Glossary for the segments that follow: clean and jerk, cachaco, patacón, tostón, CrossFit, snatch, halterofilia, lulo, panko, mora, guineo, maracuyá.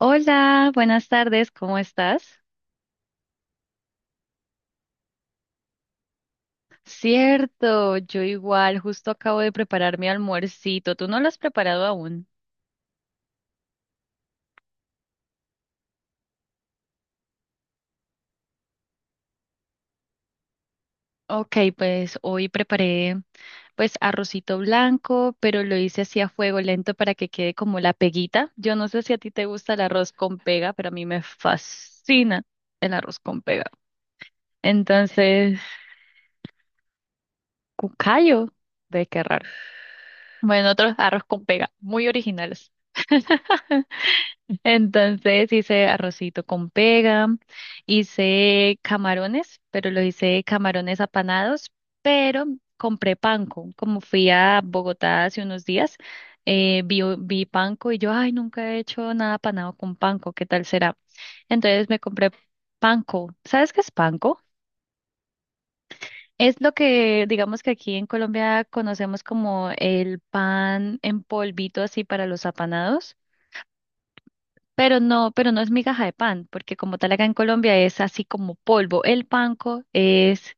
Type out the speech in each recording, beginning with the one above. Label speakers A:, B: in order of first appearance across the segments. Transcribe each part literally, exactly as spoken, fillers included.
A: Hola, buenas tardes, ¿cómo estás? Cierto, yo igual, justo acabo de preparar mi almuercito. ¿Tú no lo has preparado aún? Ok, pues hoy preparé pues arrocito blanco, pero lo hice así a fuego lento para que quede como la peguita. Yo no sé si a ti te gusta el arroz con pega, pero a mí me fascina el arroz con pega. Entonces, cucayo, ve qué raro. Bueno, otros arroz con pega, muy originales. Entonces hice arrocito con pega, hice camarones, pero lo hice camarones apanados, pero compré panko. Como fui a Bogotá hace unos días, eh, vi, vi panko y yo, ay, nunca he hecho nada apanado con panko, ¿qué tal será? Entonces me compré panko. ¿Sabes qué es panko? Es lo que digamos que aquí en Colombia conocemos como el pan en polvito así para los apanados. Pero no, pero no es migaja de pan, porque como tal acá en Colombia es así como polvo. El panco es,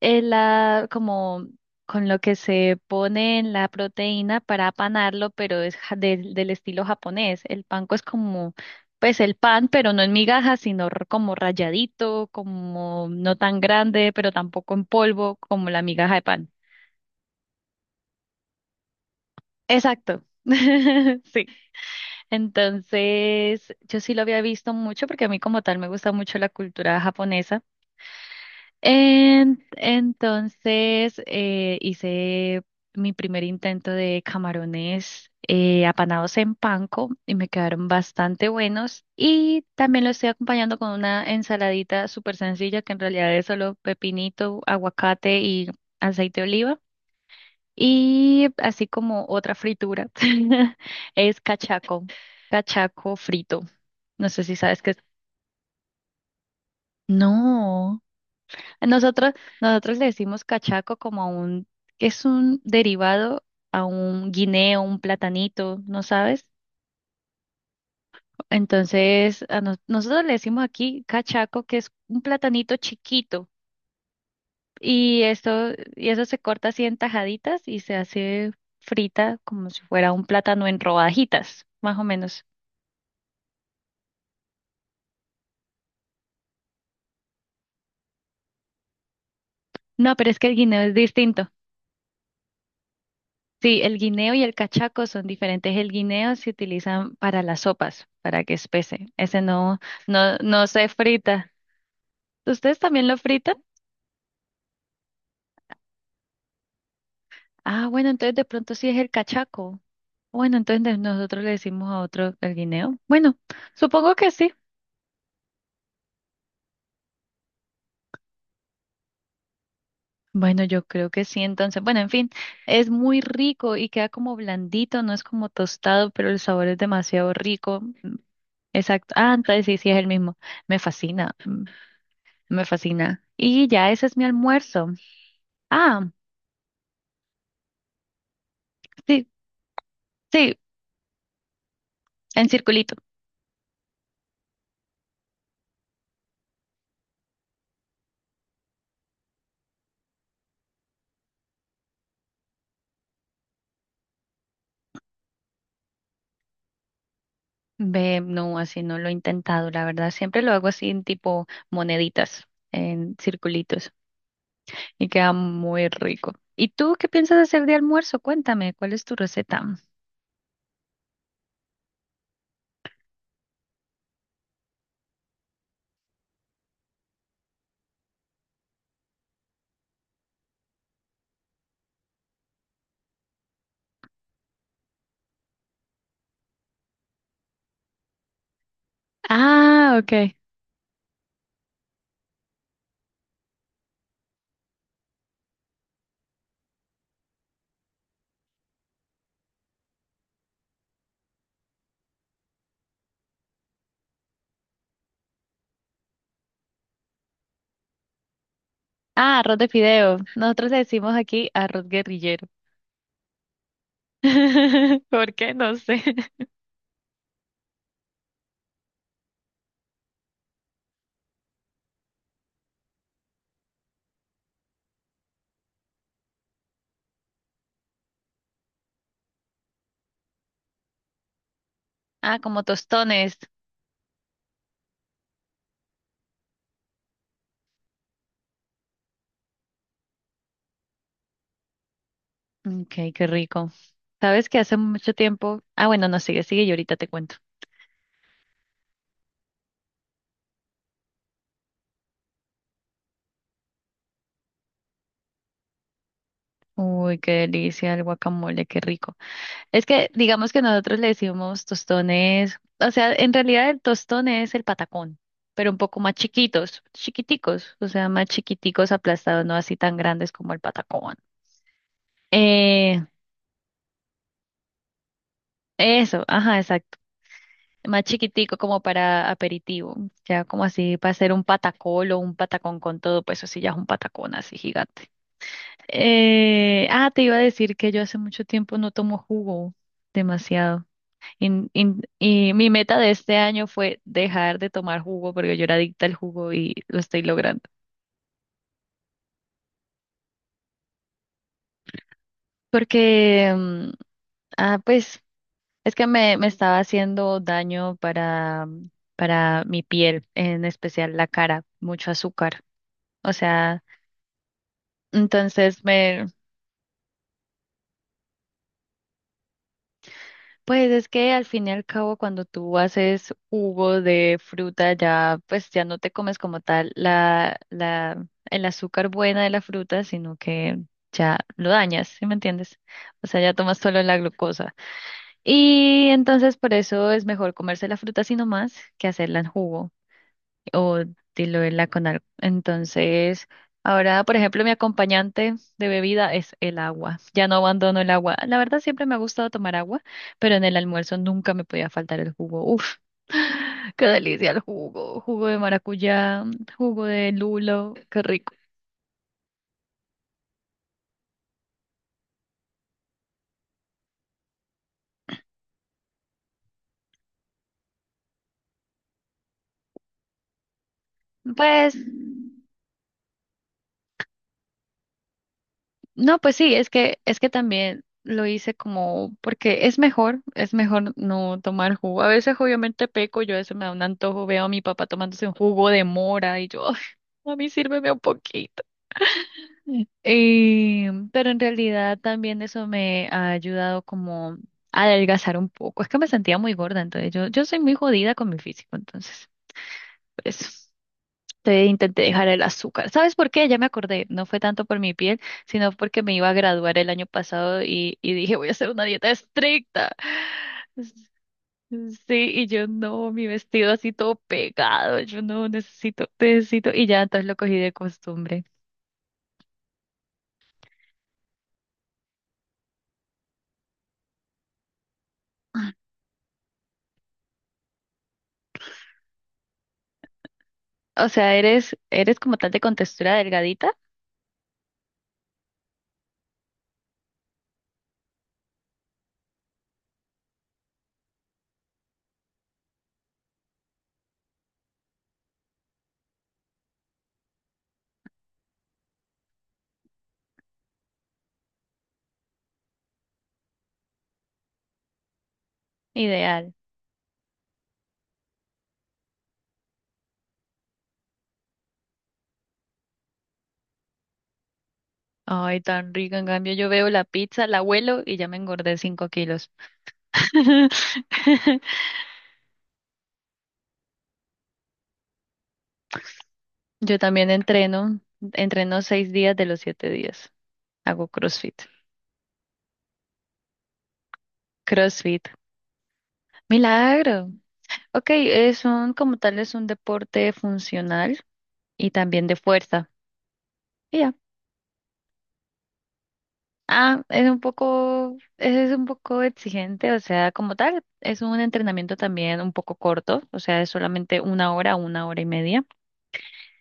A: es la como con lo que se pone en la proteína para apanarlo, pero es ja- del del estilo japonés. El panco es como, pues el pan, pero no en migaja, sino r- como rayadito, como no tan grande, pero tampoco en polvo, como la migaja de pan. Exacto. Sí. Entonces, yo sí lo había visto mucho porque a mí como tal me gusta mucho la cultura japonesa. En- entonces, eh, hice mi primer intento de camarones eh, apanados en panko y me quedaron bastante buenos. Y también lo estoy acompañando con una ensaladita súper sencilla que en realidad es solo pepinito, aguacate y aceite de oliva. Y así como otra fritura es cachaco, cachaco frito. No sé si sabes qué es. No. Nosotros, nosotros le decimos cachaco como a un, que es un derivado a un guineo, un platanito, ¿no sabes? Entonces, a nos- nosotros le decimos aquí cachaco, que es un platanito chiquito. Y esto, y eso se corta así en tajaditas y se hace frita como si fuera un plátano en rodajitas, más o menos. No, pero es que el guineo es distinto. Sí, el guineo y el cachaco son diferentes. El guineo se utilizan para las sopas, para que espese. Ese no, no, no se frita. ¿Ustedes también lo fritan? Ah, bueno, entonces de pronto sí es el cachaco. Bueno, entonces de- nosotros le decimos a otro el guineo. Bueno, supongo que sí. Bueno, yo creo que sí, entonces. Bueno, en fin, es muy rico y queda como blandito, no es como tostado, pero el sabor es demasiado rico. Mm, exacto. Ah, entonces sí, sí es el mismo. Me fascina. Me fascina. Y ya ese es mi almuerzo. Ah, sí, sí, en circulito. Ve, no, así no lo he intentado, la verdad. Siempre lo hago así en tipo moneditas, en circulitos. Y queda muy rico. ¿Y tú qué piensas hacer de almuerzo? Cuéntame, ¿cuál es tu receta? Ah, ok. Ah, arroz de fideo. Nosotros le decimos aquí arroz guerrillero. ¿Por qué? No sé. Ah, como tostones. Ok, qué rico. ¿Sabes que hace mucho tiempo? Ah, bueno, no sigue, sigue y ahorita te cuento. Uy, qué delicia el guacamole, qué rico. Es que digamos que nosotros le decimos tostones, o sea, en realidad el tostón es el patacón, pero un poco más chiquitos, chiquiticos, o sea, más chiquiticos aplastados, no así tan grandes como el patacón. Eh, eso, ajá, exacto. Más chiquitico como para aperitivo, ya como así para hacer un patacol o un patacón con todo, pues eso sí ya es un patacón así gigante. Eh, ah, te iba a decir que yo hace mucho tiempo no tomo jugo, demasiado. In- in- y mi meta de este año fue dejar de tomar jugo porque yo era adicta al jugo y lo estoy logrando. Porque, mm, ah, pues, es que me, me estaba haciendo daño para, para mi piel, en especial la cara, mucho azúcar. O sea, entonces pues es que al fin y al cabo cuando tú haces jugo de fruta ya pues ya no te comes como tal la, la, el azúcar buena de la fruta, sino que ya lo dañas, ¿sí me entiendes? O sea, ya tomas solo la glucosa. Y entonces por eso es mejor comerse la fruta así nomás que hacerla en jugo o de lo de la Conar. Entonces, ahora, por ejemplo, mi acompañante de bebida es el agua. Ya no abandono el agua. La verdad, siempre me ha gustado tomar agua, pero en el almuerzo nunca me podía faltar el jugo. Uf, qué delicia el jugo. Jugo de maracuyá, jugo de lulo, qué rico. Pues no, pues sí, es que, es que también lo hice como, porque es mejor, es mejor no tomar jugo. A veces obviamente peco, yo a veces me da un antojo, veo a mi papá tomándose un jugo de mora y yo, "Ay, a mí sírveme un poquito. Y- pero en realidad también eso me ha ayudado como a adelgazar un poco. Es que me sentía muy gorda, entonces yo, yo soy muy jodida con mi físico, entonces, por eso. Te intenté dejar el azúcar. ¿Sabes por qué? Ya me acordé. No fue tanto por mi piel, sino porque me iba a graduar el año pasado y, y dije, voy a hacer una dieta estricta. Sí, y yo no, mi vestido así todo pegado. Yo no necesito, necesito. Y ya entonces lo cogí de costumbre. O sea, eres, eres como tal de contextura delgadita, ideal. Ay, tan rica. En cambio, yo veo la pizza, la huelo y ya me engordé cinco kilos. Yo también entreno, entreno seis días de los siete días. Hago CrossFit. CrossFit. Milagro. Ok, eh, son como tal es un deporte funcional y también de fuerza. Y ya. Ah, es un poco, es un poco exigente, o sea, como tal, es un entrenamiento también un poco corto, o sea, es solamente una hora, una hora y media.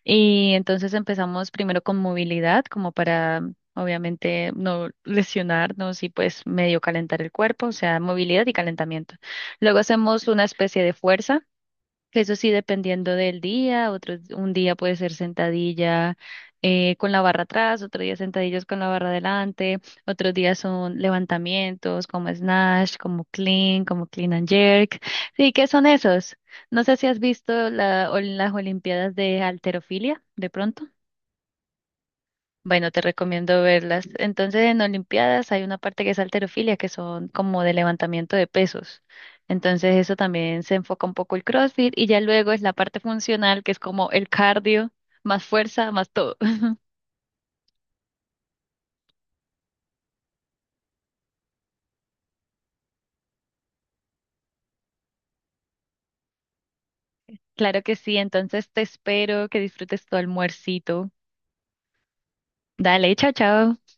A: Y entonces empezamos primero con movilidad, como para obviamente no lesionarnos y pues medio calentar el cuerpo, o sea, movilidad y calentamiento. Luego hacemos una especie de fuerza eso sí, dependiendo del día, otro, un día puede ser sentadilla eh, con la barra atrás, otro día sentadillas con la barra adelante, otros días son levantamientos como snatch, como clean, como clean and jerk. Sí, ¿qué son esos? No sé si has visto la, o las Olimpiadas de halterofilia, de pronto. Bueno, te recomiendo verlas. Entonces, en Olimpiadas hay una parte que es halterofilia, que son como de levantamiento de pesos. Entonces, eso también se enfoca un poco el CrossFit y ya luego es la parte funcional, que es como el cardio, más fuerza, más todo. Claro que sí, entonces te espero que disfrutes tu almuercito. Dale, chao, chao.